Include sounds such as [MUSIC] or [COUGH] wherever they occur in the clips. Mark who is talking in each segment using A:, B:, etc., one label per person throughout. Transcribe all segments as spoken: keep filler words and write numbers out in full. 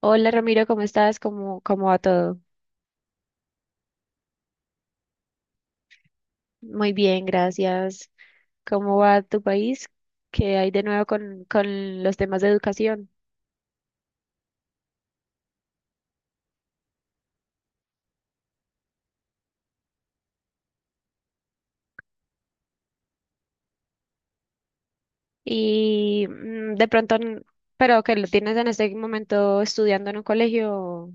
A: Hola Ramiro, ¿cómo estás? ¿Cómo, cómo va todo? Muy bien, gracias. ¿Cómo va tu país? ¿Qué hay de nuevo con, con los temas de educación? Y mm, de pronto, n- pero que lo tienes en este momento estudiando en un colegio.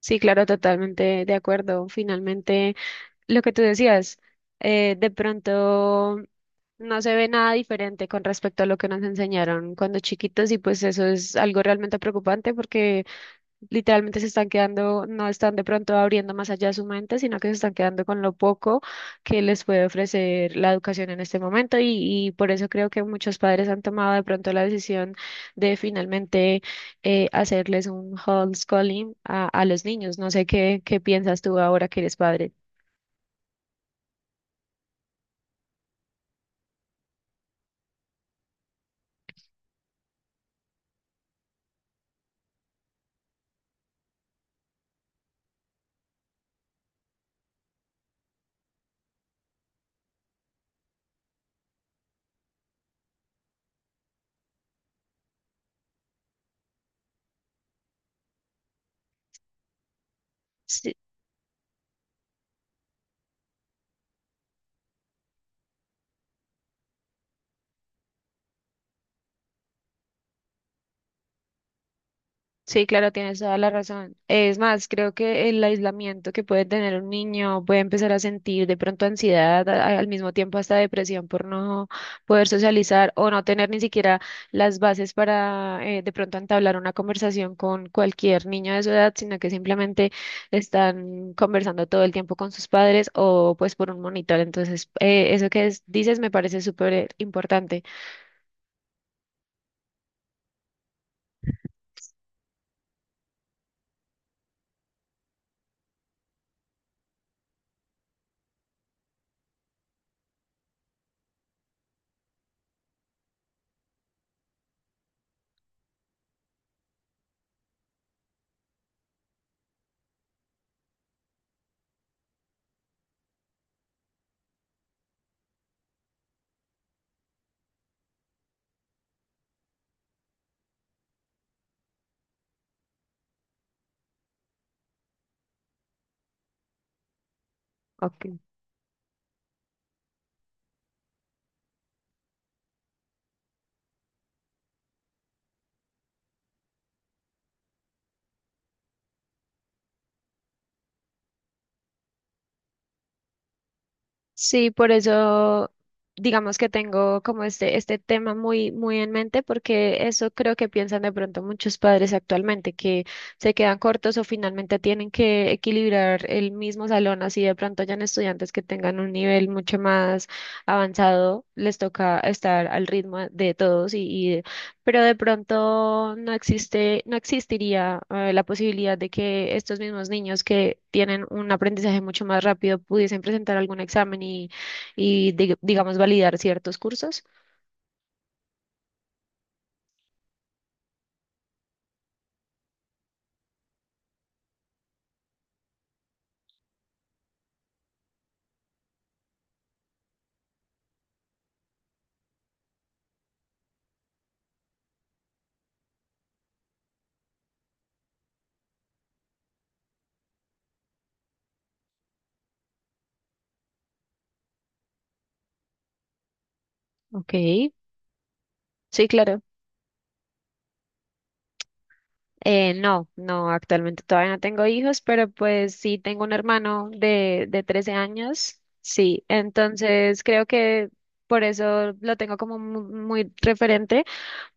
A: Sí, claro, totalmente de acuerdo. Finalmente, lo que tú decías, eh, de pronto no se ve nada diferente con respecto a lo que nos enseñaron cuando chiquitos y pues eso es algo realmente preocupante porque literalmente se están quedando, no están de pronto abriendo más allá de su mente, sino que se están quedando con lo poco que les puede ofrecer la educación en este momento y, y por eso creo que muchos padres han tomado de pronto la decisión de finalmente eh, hacerles un homeschooling a, a los niños. No sé qué, qué piensas tú ahora que eres padre. Sí, claro, tienes toda la razón. Es más, creo que el aislamiento que puede tener un niño puede empezar a sentir de pronto ansiedad, a- al mismo tiempo hasta depresión por no poder socializar o no tener ni siquiera las bases para eh, de pronto entablar una conversación con cualquier niño de su edad, sino que simplemente están conversando todo el tiempo con sus padres o pues por un monitor. Entonces, eh, eso que es- dices me parece súper importante. Ok. Sí, por eso digamos que tengo como este, este tema muy, muy en mente, porque eso creo que piensan de pronto muchos padres actualmente, que se quedan cortos o finalmente tienen que equilibrar el mismo salón, así de pronto hayan estudiantes que tengan un nivel mucho más avanzado, les toca estar al ritmo de todos y, pero de pronto no existe, no existiría eh, la posibilidad de que estos mismos niños que tienen un aprendizaje mucho más rápido pudiesen presentar algún examen y, y dig- digamos, validar ciertos cursos. Ok, sí, claro. Eh, no, no, actualmente todavía no tengo hijos, pero pues sí tengo un hermano de, de trece años, sí, entonces creo que por eso lo tengo como mu- muy referente,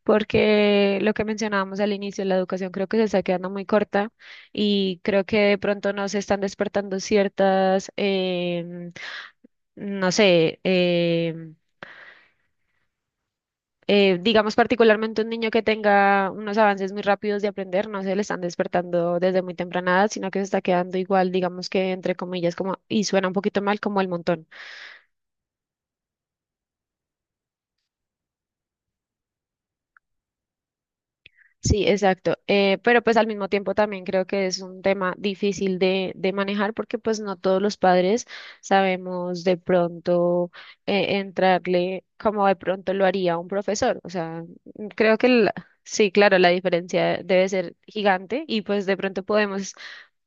A: porque lo que mencionábamos al inicio, la educación creo que se está quedando muy corta y creo que de pronto no se están despertando ciertas, em, no sé, em, eh, digamos particularmente un niño que tenga unos avances muy rápidos de aprender, no se le están despertando desde muy temprana edad, sino que se está quedando igual, digamos que entre comillas, como, y suena un poquito mal, como el montón. Sí, exacto. Eh, pero pues al mismo tiempo también creo que es un tema difícil de, de manejar porque pues no todos los padres sabemos de pronto eh, entrarle como de pronto lo haría un profesor. O sea, mm, creo que la- sí, claro, la diferencia debe ser gigante y pues de pronto podemos,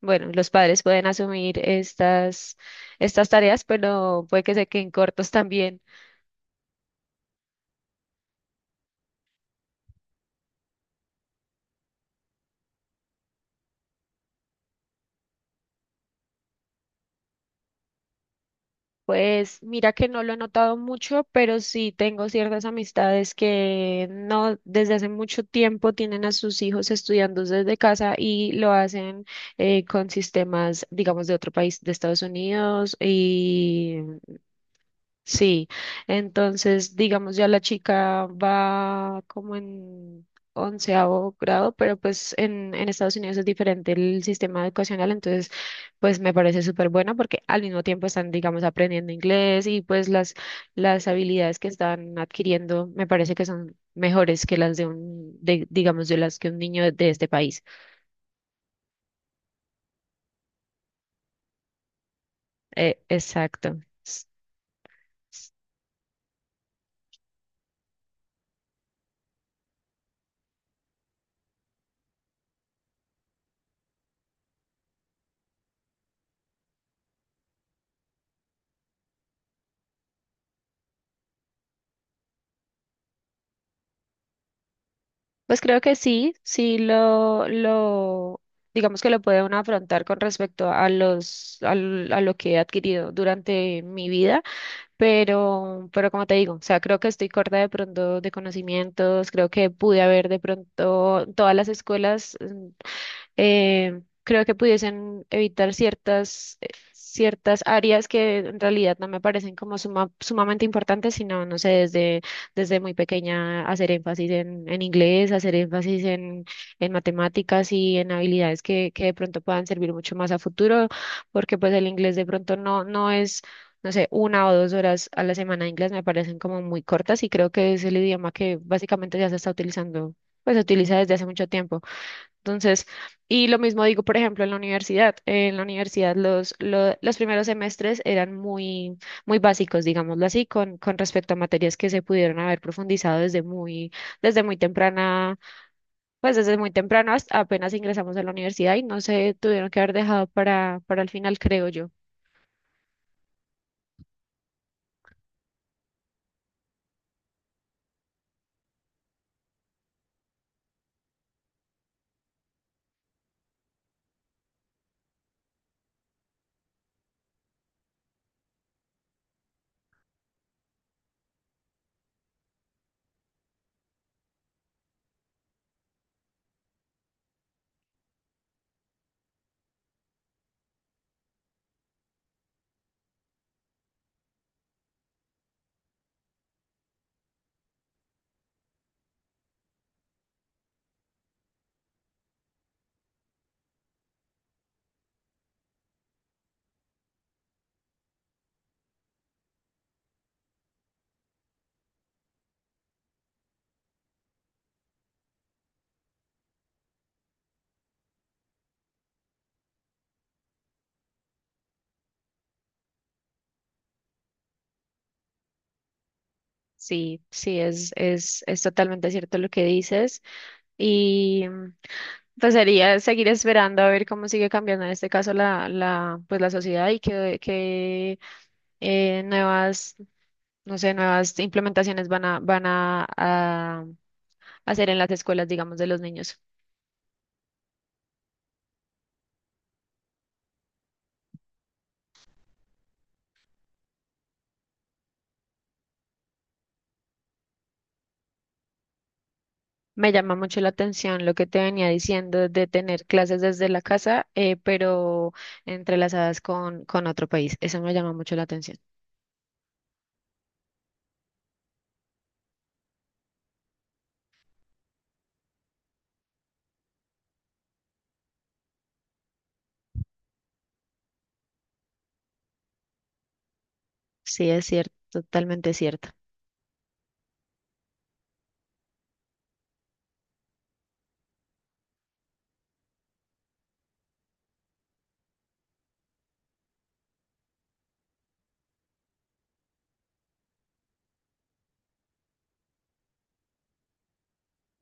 A: bueno, los padres pueden asumir estas, estas tareas, pero puede que se queden cortos también. Pues mira que no lo he notado mucho, pero sí tengo ciertas amistades que no desde hace mucho tiempo tienen a sus hijos estudiando desde casa y lo hacen eh, con sistemas, digamos, de otro país, de Estados Unidos. Sí, entonces digamos ya la chica va como en onceavo grado, pero pues en, en Estados Unidos es diferente el sistema educacional, entonces pues me parece súper bueno porque al mismo tiempo están digamos aprendiendo inglés y pues las, las habilidades que están adquiriendo me parece que son mejores que las de un, de, digamos de las que un niño de este país. Eh, exacto. Pues creo que sí, sí lo, lo, digamos que lo puedo uno afrontar con respecto a los, al- a, lo que he adquirido durante mi vida, pero, pero como te digo, o sea, creo que estoy corta de pronto de conocimientos, creo que pude haber de pronto todas las escuelas. mm, eh, creo que pudiesen evitar ciertas, eh, ciertas áreas que en realidad no me parecen como suma- sumamente importantes, sino, no sé, desde, desde muy pequeña hacer énfasis en, en inglés, hacer énfasis en, en matemáticas y en habilidades que, que de pronto puedan servir mucho más a futuro, porque pues el inglés de pronto no, no es... No sé, una o dos horas a la semana de inglés me parecen como muy cortas y creo que es el idioma que básicamente ya se está utilizando, pues se utiliza desde hace mucho tiempo. Entonces, y lo mismo digo, por ejemplo, en la universidad. En la universidad los, lo- los primeros semestres eran muy, muy básicos, digámoslo así, con, con respecto a materias que se pudieron haber profundizado desde muy, desde muy temprana, pues desde muy temprano hasta apenas ingresamos a la universidad y no se tuvieron que haber dejado para, para el final, creo yo. Sí, sí, es, es, es totalmente cierto lo que dices. Y mm, pues sería seguir esperando a ver cómo sigue cambiando en este caso la, la, pues la sociedad y qué eh, nuevas, no sé, nuevas implementaciones van a, van a, a hacer en las escuelas, digamos, de los niños. Me llama mucho la atención lo que te venía diciendo de tener clases desde la casa, eh, pero entrelazadas con, con otro país. Eso me llama mucho la atención. Sí, es cierto, totalmente cierto.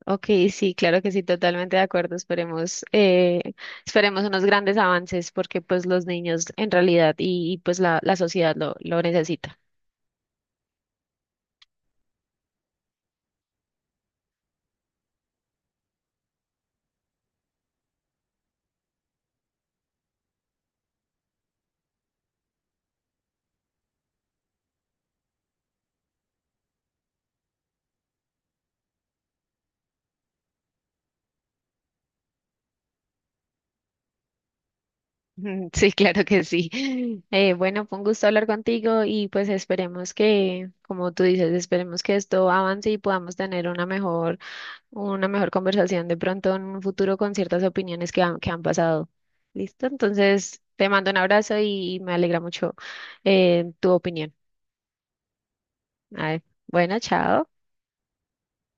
A: Ok, sí, claro que sí, totalmente de acuerdo. Esperemos, eh, esperemos unos grandes avances porque pues los niños en realidad y, y, pues la, la sociedad lo, lo necesita. [LAUGHS] Sí, claro que sí. Eh, bueno, fue un gusto hablar contigo y pues esperemos que, como tú dices, esperemos que esto avance y podamos tener una mejor una mejor conversación de pronto en un futuro con ciertas opiniones que han, que han pasado. ¿Listo? Entonces, te mando un abrazo y me alegra mucho eh, tu opinión. A ver, bueno, chao.